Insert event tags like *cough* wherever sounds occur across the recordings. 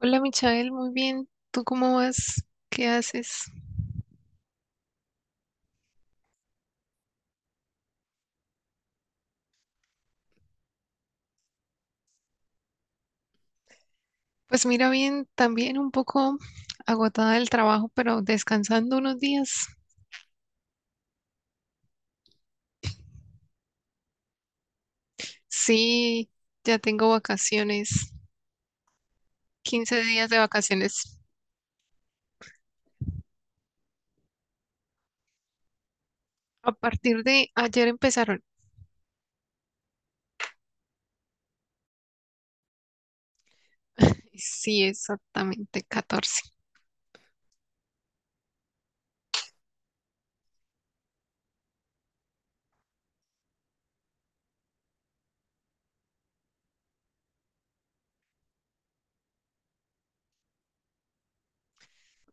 Hola Michael, muy bien. ¿Tú cómo vas? ¿Qué haces? Pues mira, bien, también un poco agotada del trabajo, pero descansando unos días. Sí, ya tengo vacaciones, 15 días de vacaciones. A partir de ayer empezaron. Sí, exactamente, 14.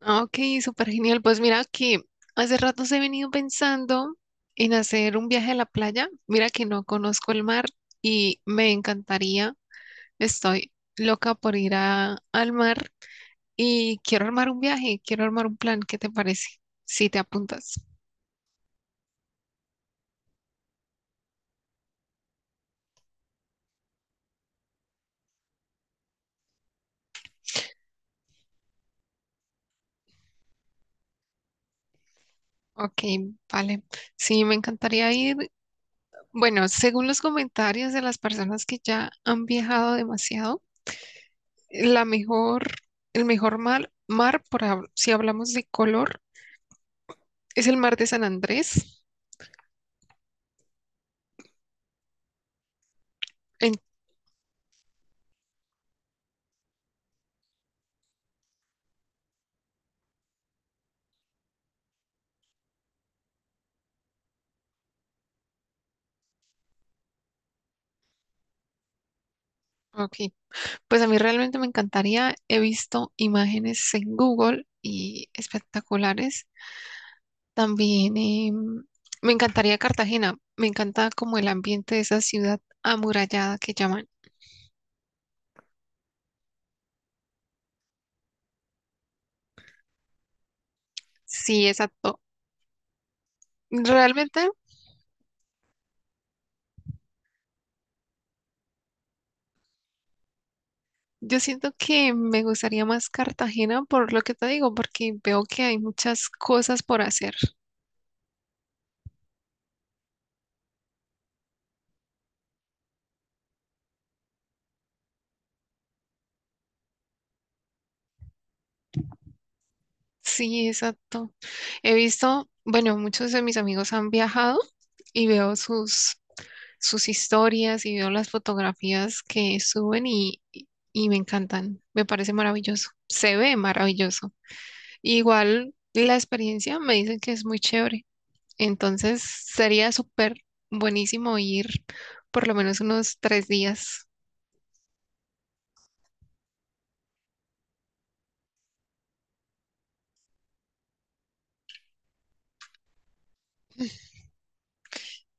Ah, ok, súper genial. Pues mira que hace rato he venido pensando en hacer un viaje a la playa. Mira que no conozco el mar y me encantaría. Estoy loca por ir al mar y quiero armar un viaje, quiero armar un plan. ¿Qué te parece? Si te apuntas. Ok, vale. Sí, me encantaría ir. Bueno, según los comentarios de las personas que ya han viajado demasiado, la mejor, el mejor mar, mar por, si hablamos de color, es el mar de San Andrés. En- ok, pues a mí realmente me encantaría. He visto imágenes en Google y espectaculares. También me encantaría Cartagena. Me encanta como el ambiente de esa ciudad amurallada que llaman. Sí, exacto. Realmente yo siento que me gustaría más Cartagena por lo que te digo, porque veo que hay muchas cosas por hacer. Sí, exacto. He visto, bueno, muchos de mis amigos han viajado y veo sus historias y veo las fotografías que suben y me encantan. Me parece maravilloso. Se ve maravilloso. Igual la experiencia me dicen que es muy chévere, entonces sería súper buenísimo ir por lo menos unos 3 días.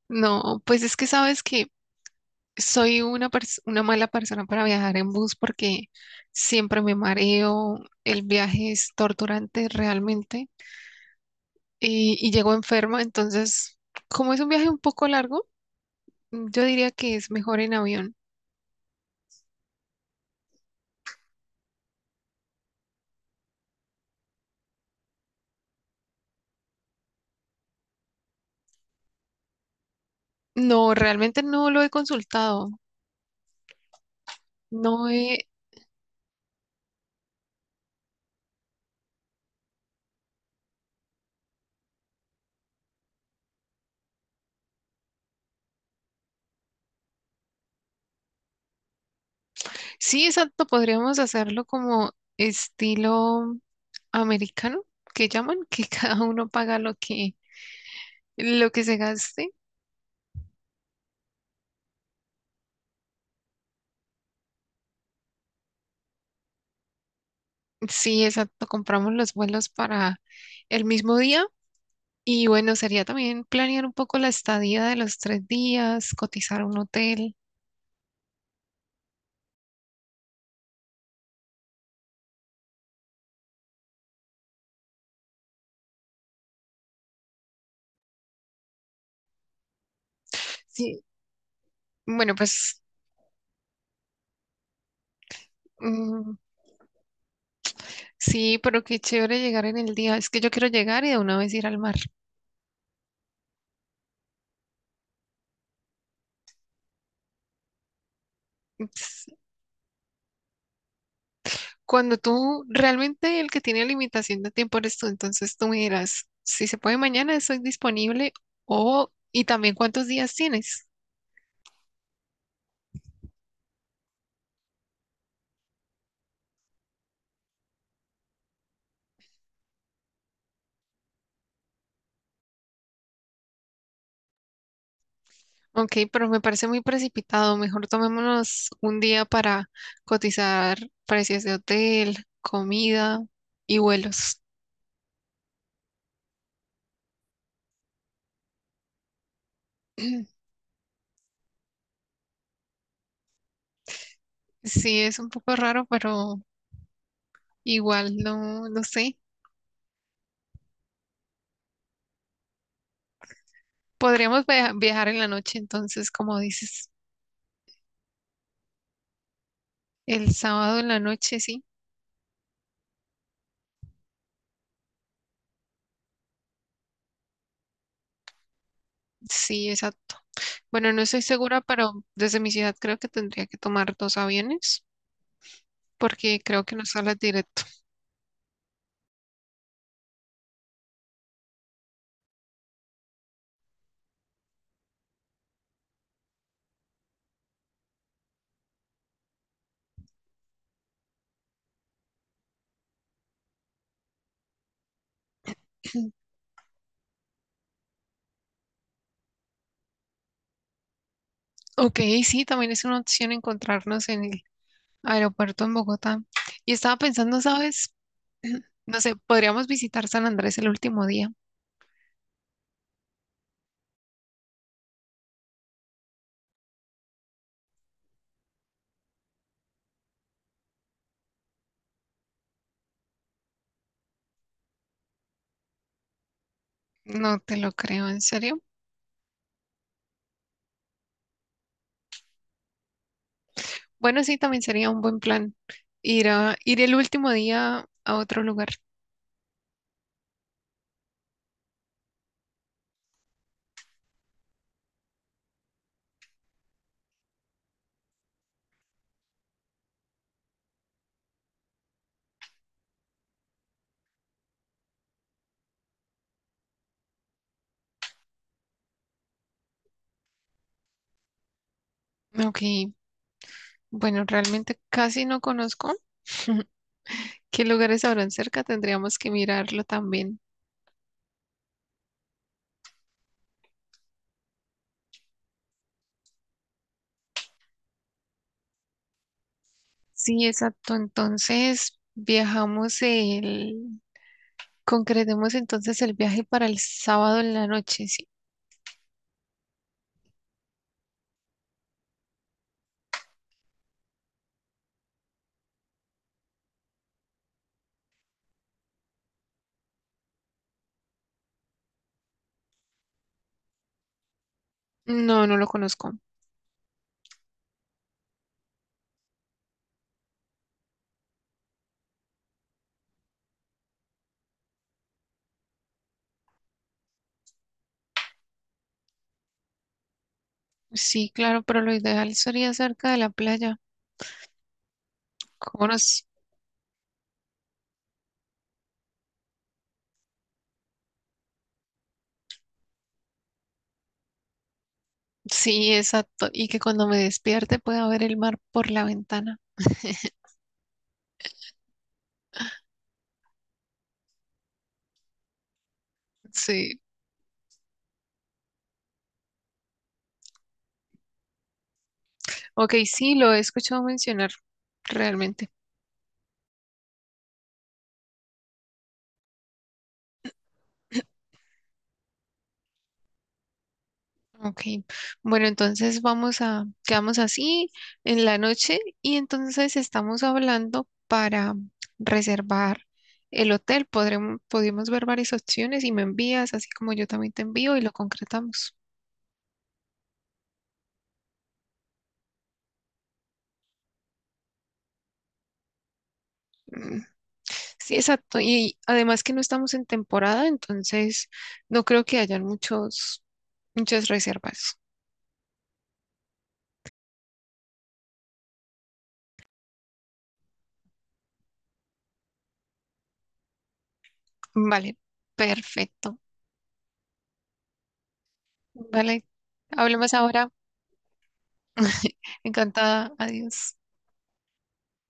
No, pues es que sabes que soy una mala persona para viajar en bus porque siempre me mareo, el viaje es torturante realmente y llego enferma, entonces como es un viaje un poco largo, yo diría que es mejor en avión. No, realmente no lo he consultado. No he, sí, exacto, podríamos hacerlo como estilo americano, que llaman, *laughs* que cada uno paga lo que se gaste. Sí, exacto, compramos los vuelos para el mismo día y bueno, sería también planear un poco la estadía de los 3 días, cotizar un hotel. Sí, bueno, pues mm, sí, pero qué chévere llegar en el día. Es que yo quiero llegar y de una vez ir al mar. Cuando tú realmente el que tiene limitación de tiempo eres tú, entonces tú me dirás, si se puede mañana, estoy disponible o y también cuántos días tienes. Ok, pero me parece muy precipitado. Mejor tomémonos un día para cotizar precios de hotel, comida y vuelos. Sí, es un poco raro, pero igual no, no sé. Podríamos viajar en la noche, entonces, como dices, el sábado en la noche, sí. Sí, exacto. Bueno, no estoy segura, pero desde mi ciudad creo que tendría que tomar dos aviones porque creo que no sale directo. *laughs* Ok, sí, también es una opción encontrarnos en el aeropuerto en Bogotá. Y estaba pensando, ¿sabes? No sé, podríamos visitar San Andrés el último día. No te lo creo, ¿en serio? Bueno, sí, también sería un buen plan ir a ir el último día a otro lugar. Ok, bueno, realmente casi no conozco qué lugares habrán cerca, tendríamos que mirarlo también. Sí, exacto. Entonces, viajamos el, concretemos entonces el viaje para el sábado en la noche, sí. No, no lo conozco. Sí, claro, pero lo ideal sería cerca de la playa. ¿Cómo nos- Sí, exacto. Y que cuando me despierte pueda ver el mar por la ventana. Sí. Ok, sí, lo he escuchado mencionar realmente. Ok, bueno, entonces vamos a, quedamos así en la noche y entonces estamos hablando para reservar el hotel. Podremos, podemos ver varias opciones y me envías, así como yo también te envío y lo concretamos. Mm, sí, exacto. Y además que no estamos en temporada, entonces no creo que hayan muchos, muchas reservas. Vale, perfecto. Vale, hablemos ahora. Encantada. Adiós.